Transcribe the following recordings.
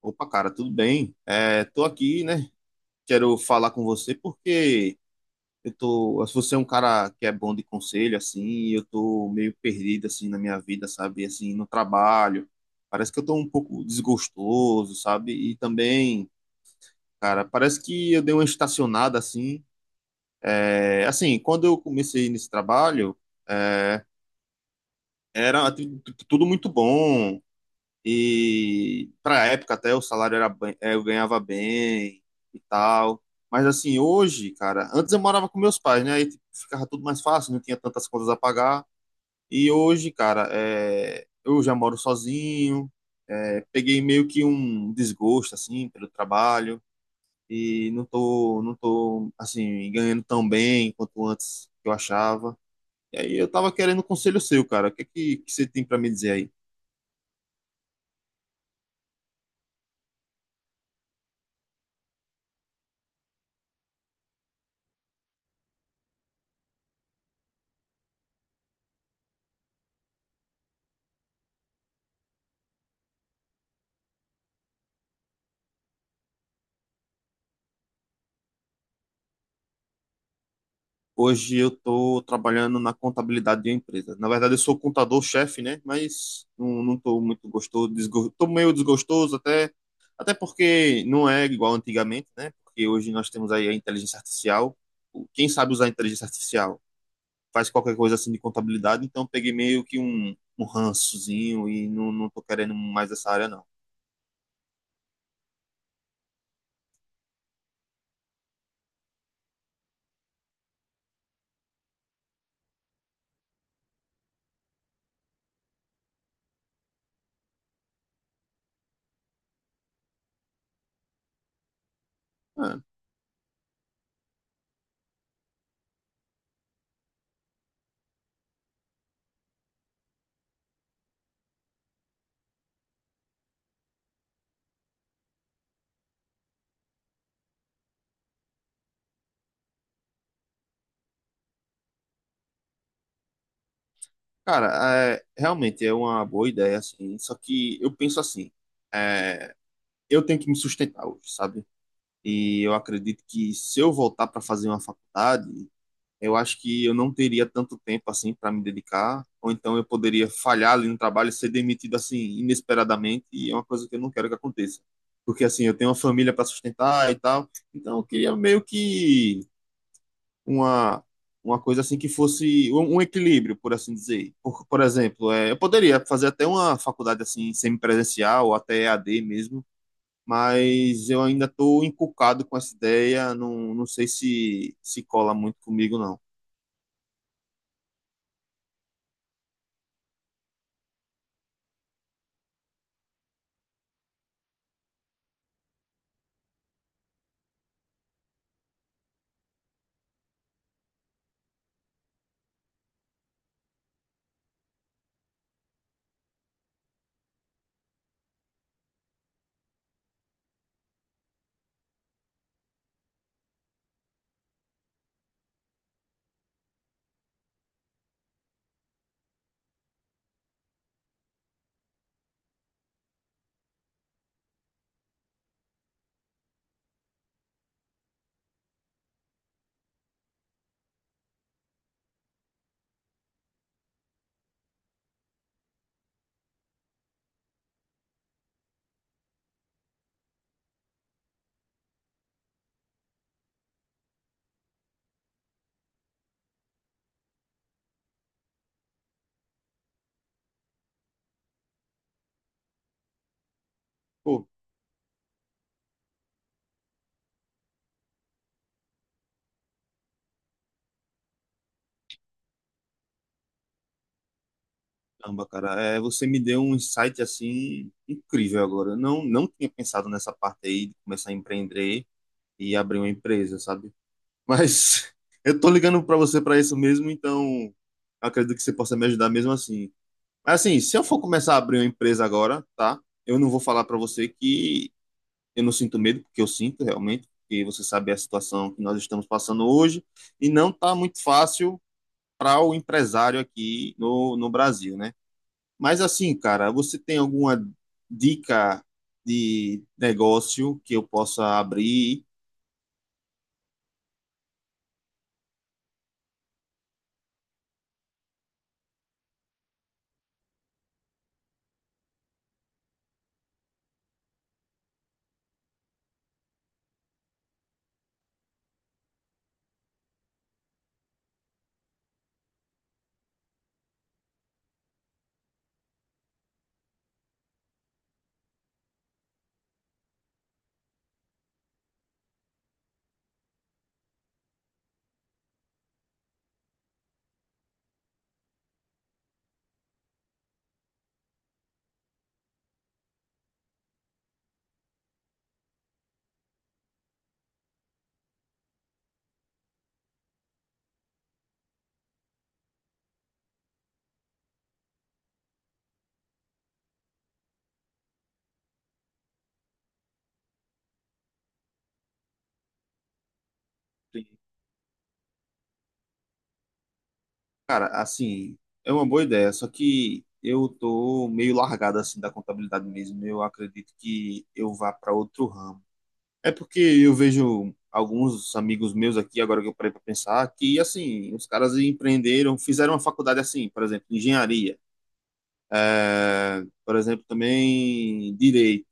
Opa, cara, tudo bem? É, tô aqui, né? Quero falar com você porque eu tô. Se você é um cara que é bom de conselho, assim, eu tô meio perdido, assim, na minha vida, sabe? Assim, no trabalho. Parece que eu tô um pouco desgostoso, sabe? E também, cara, parece que eu dei uma estacionada, assim. É, assim, quando eu comecei nesse trabalho, é, era tudo muito bom. E para a época até o salário era bem, eu ganhava bem e tal. Mas assim, hoje, cara, antes eu morava com meus pais, né? Aí tipo, ficava tudo mais fácil, não tinha tantas contas a pagar. E hoje, cara, eu já moro sozinho. Peguei meio que um desgosto, assim, pelo trabalho. E não tô, assim, ganhando tão bem quanto antes que eu achava. E aí eu tava querendo um conselho seu, cara. O que é que você tem para me dizer aí? Hoje eu estou trabalhando na contabilidade de uma empresa. Na verdade, eu sou contador-chefe, né? Mas não tô muito gostoso, estou meio desgostoso até, até porque não é igual antigamente, né? Porque hoje nós temos aí a inteligência artificial. Quem sabe usar a inteligência artificial faz qualquer coisa assim de contabilidade, então eu peguei meio que um rançozinho e não tô querendo mais essa área, não. É, cara, é, realmente é uma boa ideia, assim, só que eu penso assim, é, eu tenho que me sustentar hoje, sabe? E eu acredito que se eu voltar para fazer uma faculdade, eu acho que eu não teria tanto tempo assim para me dedicar, ou então eu poderia falhar ali no trabalho, ser demitido assim inesperadamente, e é uma coisa que eu não quero que aconteça. Porque assim, eu tenho uma família para sustentar e tal, então eu queria meio que uma uma coisa assim que fosse um equilíbrio, por assim dizer. Por exemplo, é, eu poderia fazer até uma faculdade assim semipresencial ou até EAD mesmo, mas eu ainda estou encucado com essa ideia, não sei se cola muito comigo, não. Pô, caramba, cara, é, você me deu um insight assim incrível agora. Eu não tinha pensado nessa parte aí de começar a empreender e abrir uma empresa, sabe? Mas eu tô ligando para você para isso mesmo, então eu acredito que você possa me ajudar mesmo assim. Mas assim, se eu for começar a abrir uma empresa agora, tá? Eu não vou falar para você que eu não sinto medo, porque eu sinto realmente, porque você sabe a situação que nós estamos passando hoje, e não está muito fácil para o empresário aqui no Brasil, né? Mas assim, cara, você tem alguma dica de negócio que eu possa abrir? Cara, assim, é uma boa ideia, só que eu tô meio largado assim da contabilidade mesmo. Eu acredito que eu vá para outro ramo. É porque eu vejo alguns amigos meus aqui, agora que eu parei para pensar, que assim, os caras empreenderam, fizeram uma faculdade assim, por exemplo, engenharia, é, por exemplo, também direito.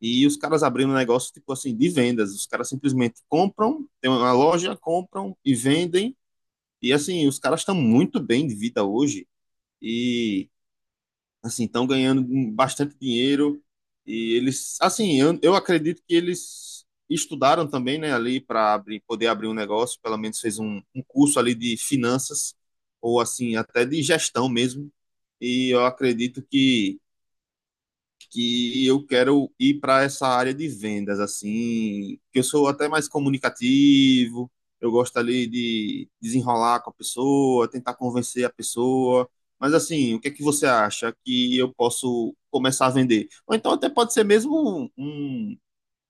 E os caras abriram um negócio tipo assim de vendas. Os caras simplesmente compram, tem uma loja, compram e vendem. E assim, os caras estão muito bem de vida hoje. E assim, estão ganhando bastante dinheiro e eles, assim, eu acredito que eles estudaram também, né, ali para abrir, poder abrir um negócio, pelo menos fez um curso ali de finanças ou assim, até de gestão mesmo. E eu acredito que eu quero ir para essa área de vendas, assim, que eu sou até mais comunicativo, eu gosto ali de desenrolar com a pessoa, tentar convencer a pessoa. Mas assim, o que é que você acha que eu posso começar a vender? Ou então até pode ser mesmo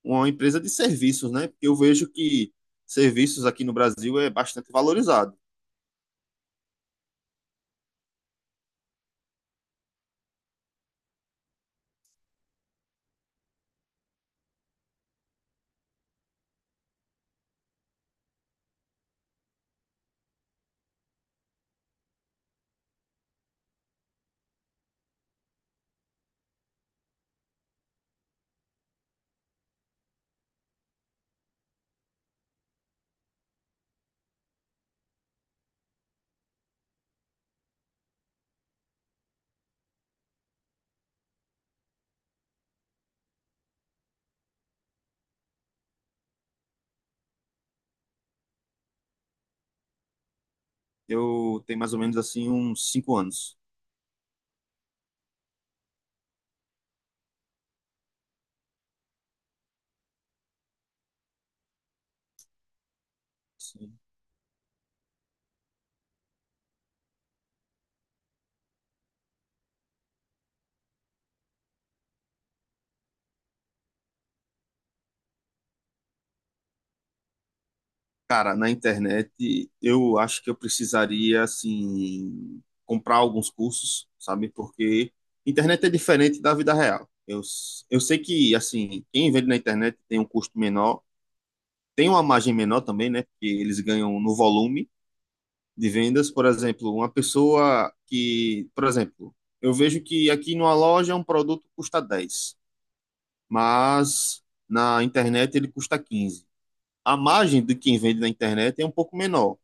uma empresa de serviços, né? Porque eu vejo que serviços aqui no Brasil é bastante valorizado. Eu tenho mais ou menos assim uns 5 anos. Cara, na internet, eu acho que eu precisaria, assim, comprar alguns cursos, sabe? Porque internet é diferente da vida real. Eu sei que, assim, quem vende na internet tem um custo menor, tem uma margem menor também, né? Porque eles ganham no volume de vendas. Por exemplo, uma pessoa que, por exemplo, eu vejo que aqui numa loja um produto custa 10, mas na internet ele custa 15. A margem de quem vende na internet é um pouco menor,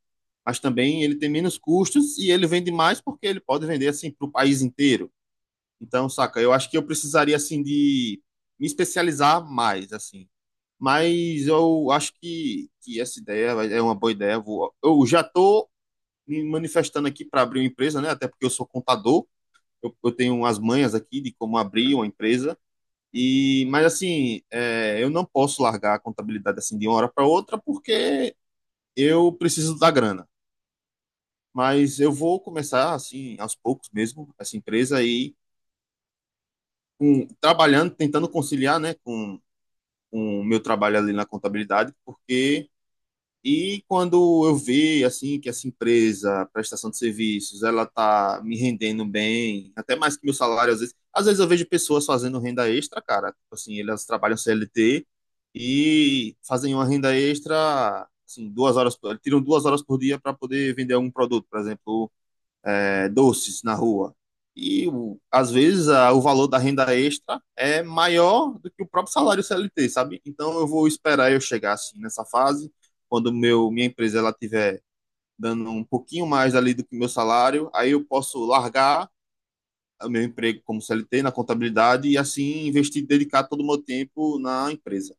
mas também ele tem menos custos e ele vende mais porque ele pode vender assim para o país inteiro. Então, saca, eu acho que eu precisaria assim de me especializar mais assim. Mas eu acho que essa ideia é uma boa ideia. Eu já estou me manifestando aqui para abrir uma empresa, né? Até porque eu sou contador, eu tenho umas manhas aqui de como abrir uma empresa. Mas assim, é, eu não posso largar a contabilidade assim de uma hora para outra porque eu preciso da grana. Mas eu vou começar assim aos poucos mesmo essa empresa aí com, trabalhando tentando conciliar, né, com o meu trabalho ali na contabilidade, porque e quando eu ver assim que essa empresa prestação de serviços ela tá me rendendo bem até mais que meu salário, às vezes eu vejo pessoas fazendo renda extra, cara, tipo assim, elas trabalham CLT e fazem uma renda extra assim 2 horas tiram 2 horas por dia para poder vender algum produto, por exemplo, é, doces na rua. E às vezes o valor da renda extra é maior do que o próprio salário CLT, sabe? Então eu vou esperar eu chegar assim nessa fase, quando meu minha empresa ela tiver dando um pouquinho mais ali do que o meu salário, aí eu posso largar o meu emprego como CLT na contabilidade e assim investir, dedicar todo o meu tempo na empresa.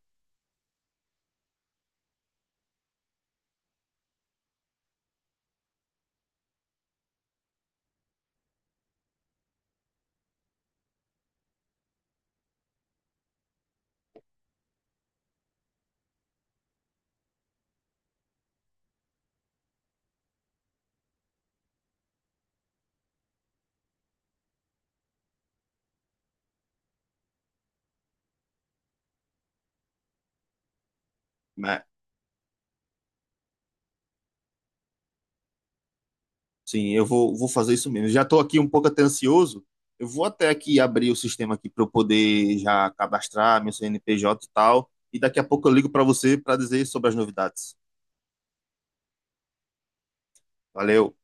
Né? Sim, eu vou fazer isso mesmo. Já estou aqui um pouco até ansioso. Eu vou até aqui abrir o sistema aqui para eu poder já cadastrar meu CNPJ e tal. E daqui a pouco eu ligo para você para dizer sobre as novidades. Valeu.